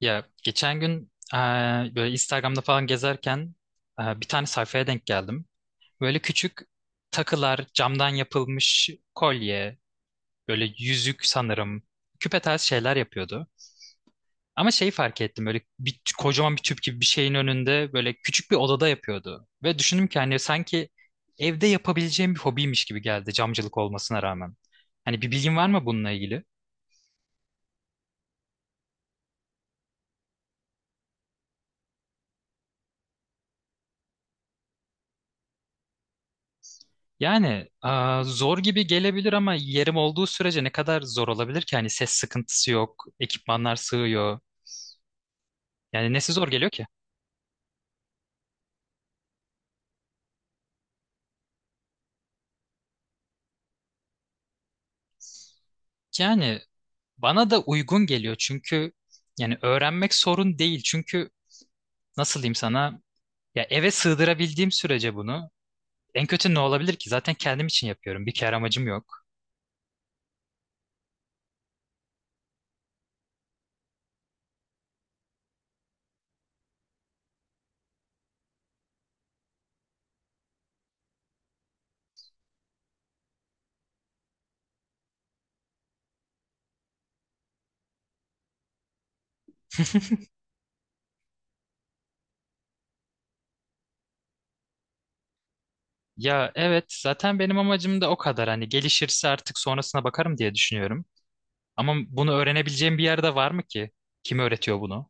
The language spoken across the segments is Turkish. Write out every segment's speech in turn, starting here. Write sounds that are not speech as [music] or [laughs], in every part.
Ya geçen gün böyle Instagram'da falan gezerken bir tane sayfaya denk geldim. Böyle küçük takılar, camdan yapılmış kolye, böyle yüzük sanırım, küpe tarzı şeyler yapıyordu. Ama şeyi fark ettim böyle bir, kocaman bir tüp gibi bir şeyin önünde böyle küçük bir odada yapıyordu. Ve düşündüm ki hani sanki evde yapabileceğim bir hobiymiş gibi geldi camcılık olmasına rağmen. Hani bir bilgin var mı bununla ilgili? Yani zor gibi gelebilir ama yerim olduğu sürece ne kadar zor olabilir ki? Hani ses sıkıntısı yok, ekipmanlar sığıyor. Yani nesi zor geliyor ki? Yani bana da uygun geliyor çünkü yani öğrenmek sorun değil. Çünkü nasıl diyeyim sana? Ya eve sığdırabildiğim sürece bunu en kötü ne olabilir ki? Zaten kendim için yapıyorum. Bir kere amacım yok. Ya evet zaten benim amacım da o kadar. Hani gelişirse artık sonrasına bakarım diye düşünüyorum. Ama bunu öğrenebileceğim bir yerde var mı ki? Kim öğretiyor bunu?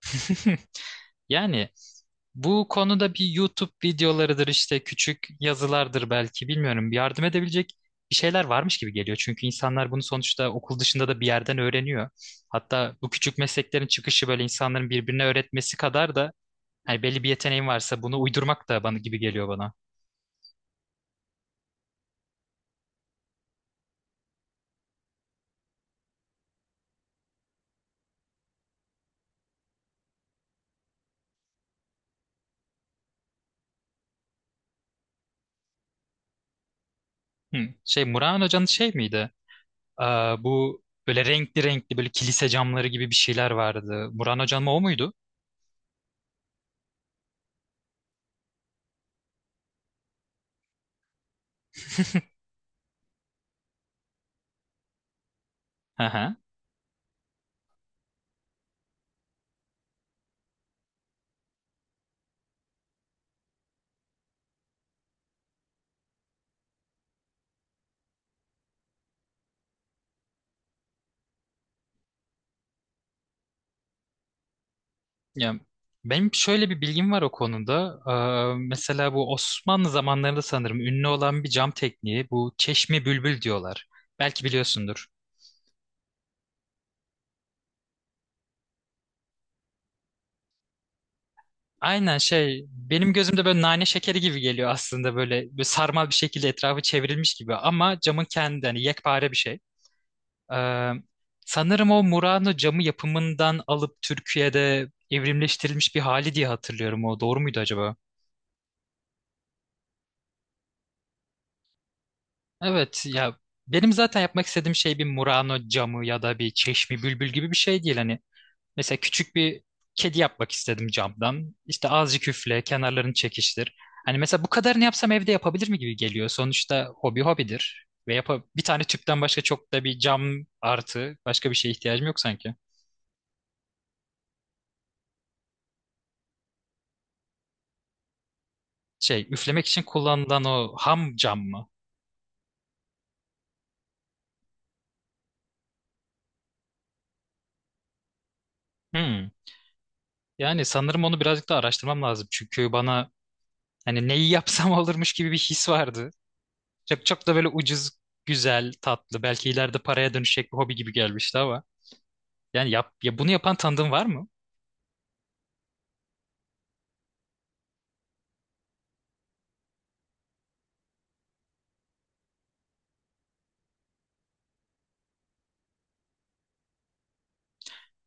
[laughs] Yani bu konuda bir YouTube videolarıdır işte küçük yazılardır belki bilmiyorum. Yardım edebilecek bir şeyler varmış gibi geliyor. Çünkü insanlar bunu sonuçta okul dışında da bir yerden öğreniyor. Hatta bu küçük mesleklerin çıkışı böyle insanların birbirine öğretmesi kadar da hani belli bir yeteneğin varsa bunu uydurmak da bana gibi geliyor bana. Hı. Şey Muran Hoca'nın şey miydi? Bu böyle renkli renkli böyle kilise camları gibi bir şeyler vardı. Muran Hoca'nın o muydu? Hı hı. Ya benim şöyle bir bilgim var o konuda. Mesela bu Osmanlı zamanlarında sanırım ünlü olan bir cam tekniği bu çeşme bülbül diyorlar. Belki biliyorsundur. Aynen şey benim gözümde böyle nane şekeri gibi geliyor aslında böyle, böyle sarmal bir şekilde etrafı çevrilmiş gibi ama camın kendi hani yekpare bir şey. Ee, sanırım o Murano camı yapımından alıp Türkiye'de evrimleştirilmiş bir hali diye hatırlıyorum o doğru muydu acaba? Evet ya benim zaten yapmak istediğim şey bir Murano camı ya da bir çeşmi bülbül gibi bir şey değil hani. Mesela küçük bir kedi yapmak istedim camdan. İşte azıcık üfle, kenarlarını çekiştir. Hani mesela bu kadarını yapsam evde yapabilir mi gibi geliyor. Sonuçta hobi hobidir. Ve yapa bir tane tüpten başka çok da bir cam artı başka bir şeye ihtiyacım yok sanki. Şey üflemek için kullanılan o ham cam mı? Hmm. Yani sanırım onu birazcık daha araştırmam lazım. Çünkü bana hani neyi yapsam [laughs] olurmuş gibi bir his vardı. Çok çok da böyle ucuz, güzel, tatlı, belki ileride paraya dönüşecek bir hobi gibi gelmişti ama. Yani yap, ya bunu yapan tanıdığın var mı?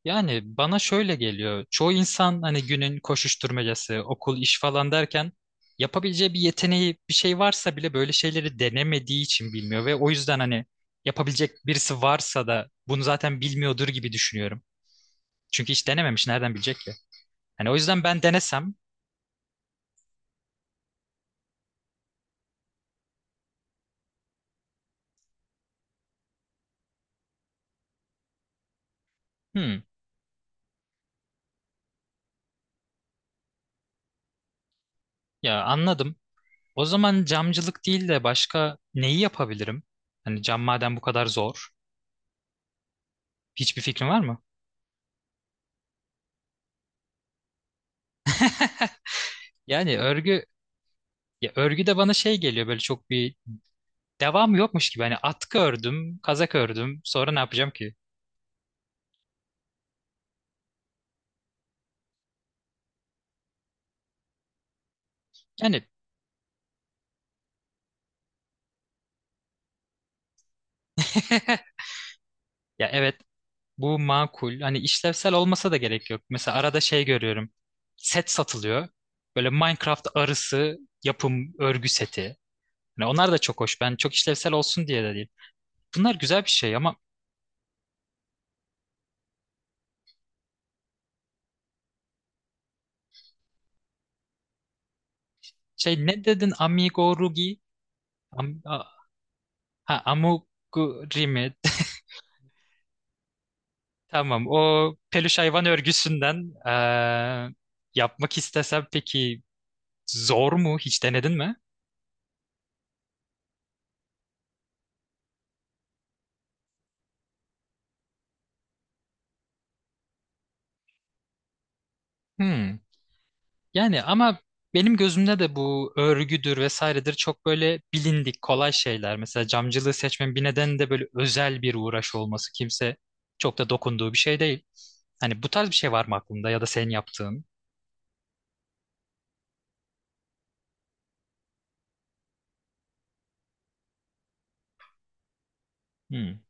Yani bana şöyle geliyor. Çoğu insan hani günün koşuşturmacası, okul, iş falan derken yapabileceği bir yeteneği, bir şey varsa bile böyle şeyleri denemediği için bilmiyor ve o yüzden hani yapabilecek birisi varsa da bunu zaten bilmiyordur gibi düşünüyorum. Çünkü hiç denememiş, nereden bilecek ki? Hani o yüzden ben denesem, hmm, ya anladım. O zaman camcılık değil de başka neyi yapabilirim? Hani cam madem bu kadar zor. Hiçbir fikrin var mı? [laughs] Yani örgü ya örgü de bana şey geliyor böyle çok bir devamı yokmuş gibi. Hani atkı ördüm, kazak ördüm. Sonra ne yapacağım ki? Yani [laughs] ya evet bu makul. Hani işlevsel olmasa da gerek yok. Mesela arada şey görüyorum. Set satılıyor. Böyle Minecraft arısı yapım örgü seti. Yani onlar da çok hoş. Ben çok işlevsel olsun diye de değil. Bunlar güzel bir şey ama şey ne dedin? Amigurumi? Am, a- ha, amigurumi. [laughs] Tamam. O peluş hayvan örgüsünden yapmak istesem peki zor mu? Hiç denedin mi? Hmm. Yani ama benim gözümde de bu örgüdür vesairedir çok böyle bilindik kolay şeyler. Mesela camcılığı seçmemin bir nedeni de böyle özel bir uğraş olması. Kimse çok da dokunduğu bir şey değil. Hani bu tarz bir şey var mı aklında ya da senin yaptığın? Hmm.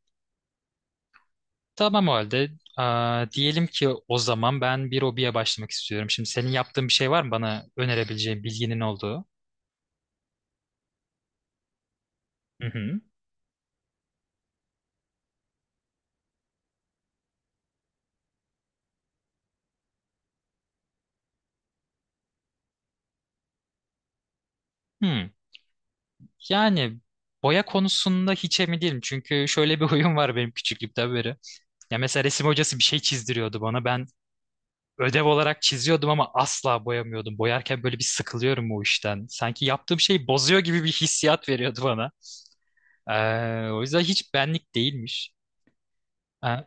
Tamam o halde. Diyelim ki o zaman ben bir hobiye başlamak istiyorum. Şimdi senin yaptığın bir şey var mı bana önerebileceğin bilginin olduğu? Hı hı. Hmm. Yani boya konusunda hiç emin değilim. Çünkü şöyle bir [laughs] huyum var benim küçüklükten beri. Ya mesela resim hocası bir şey çizdiriyordu bana. Ben ödev olarak çiziyordum ama asla boyamıyordum. Boyarken böyle bir sıkılıyorum o işten. Sanki yaptığım şeyi bozuyor gibi bir hissiyat veriyordu bana. O yüzden hiç benlik değilmiş. Ha,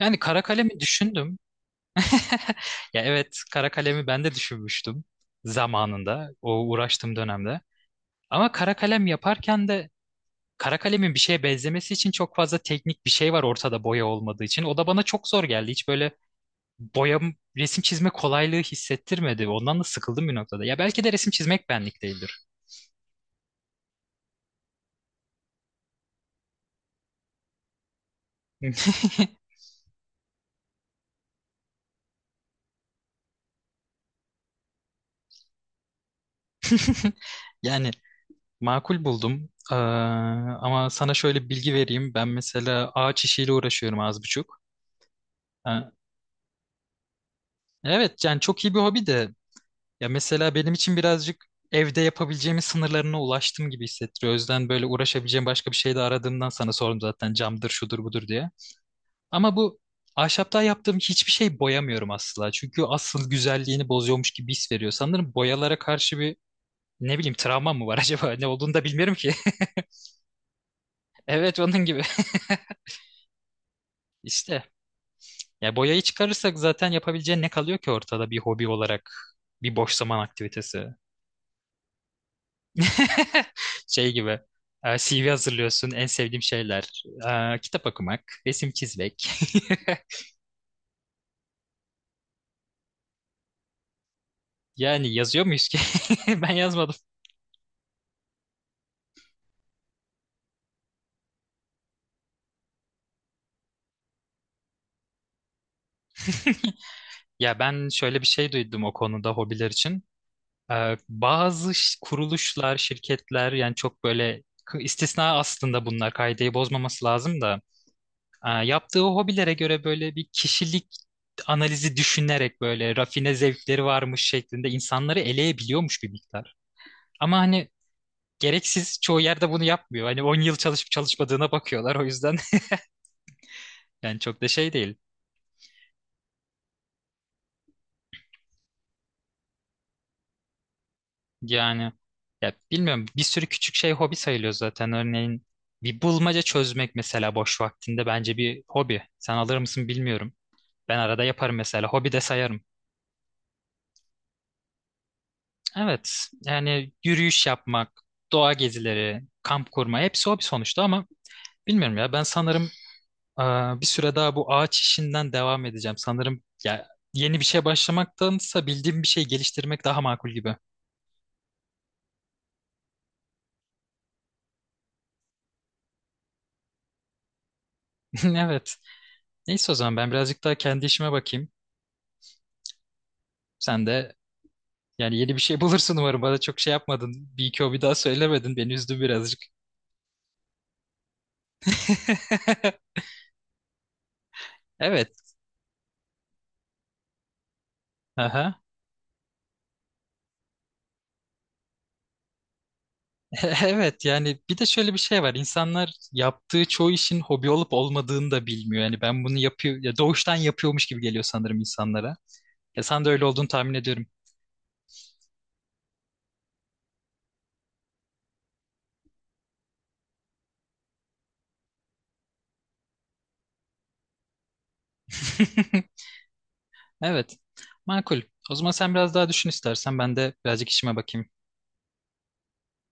yani kara kalemi düşündüm. [laughs] Ya evet kara kalemi ben de düşünmüştüm zamanında o uğraştığım dönemde. Ama kara kalem yaparken de kara kalemin bir şeye benzemesi için çok fazla teknik bir şey var ortada boya olmadığı için. O da bana çok zor geldi. Hiç böyle boya resim çizme kolaylığı hissettirmedi. Ondan da sıkıldım bir noktada. Ya belki de resim çizmek benlik değildir. [laughs] Yani makul buldum. Ama sana şöyle bir bilgi vereyim. Ben mesela ağaç işiyle uğraşıyorum az buçuk. Ha, evet yani çok iyi bir hobi de ya mesela benim için birazcık evde yapabileceğimin sınırlarına ulaştım gibi hissettiriyor. O yüzden böyle uğraşabileceğim başka bir şey de aradığımdan sana sordum zaten camdır şudur budur diye. Ama bu ahşaptan yaptığım hiçbir şey boyamıyorum asla. Çünkü asıl güzelliğini bozuyormuş gibi his veriyor. Sanırım boyalara karşı bir ne bileyim travma mı var [laughs] acaba? Ne olduğunu da bilmiyorum ki. [laughs] Evet onun gibi. [laughs] İşte. Ya boyayı çıkarırsak zaten yapabileceğin ne kalıyor ki ortada bir hobi olarak? Bir boş zaman aktivitesi. [laughs] Şey gibi. CV hazırlıyorsun. En sevdiğim şeyler. Kitap okumak, resim çizmek. [laughs] Yani yazıyor muyuz ki? [laughs] Ben yazmadım. Ya ben şöyle bir şey duydum o konuda hobiler için. Bazı kuruluşlar, şirketler yani çok böyle istisna aslında bunlar kaideyi bozmaması lazım da yaptığı hobilere göre böyle bir kişilik analizi düşünerek böyle rafine zevkleri varmış şeklinde insanları eleyebiliyormuş bir miktar. Ama hani gereksiz. Çoğu yerde bunu yapmıyor. Hani 10 yıl çalışıp çalışmadığına bakıyorlar o yüzden. [laughs] Yani çok da şey değil. Yani ya bilmiyorum bir sürü küçük şey hobi sayılıyor zaten. Örneğin bir bulmaca çözmek mesela boş vaktinde bence bir hobi. Sen alır mısın bilmiyorum. Ben arada yaparım mesela. Hobi de sayarım. Evet yani yürüyüş yapmak, doğa gezileri, kamp kurma hepsi hobi sonuçta ama bilmiyorum ya ben sanırım bir süre daha bu ağaç işinden devam edeceğim. Sanırım ya yeni bir şey başlamaktansa bildiğim bir şey geliştirmek daha makul gibi. [laughs] Evet. Neyse o zaman ben birazcık daha kendi işime bakayım. Sen de yani yeni bir şey [laughs] bulursun umarım. Bana çok şey yapmadın. Bir iki hobi daha söylemedin. Beni üzdü birazcık. [laughs] Evet. Aha. [laughs] Evet yani bir de şöyle bir şey var. İnsanlar yaptığı çoğu işin hobi olup olmadığını da bilmiyor. Yani ben bunu yapıyor ya doğuştan yapıyormuş gibi geliyor sanırım insanlara. Ya sen de öyle olduğunu tahmin ediyorum. [laughs] Evet. Makul. O zaman sen biraz daha düşün istersen. Ben de birazcık işime bakayım.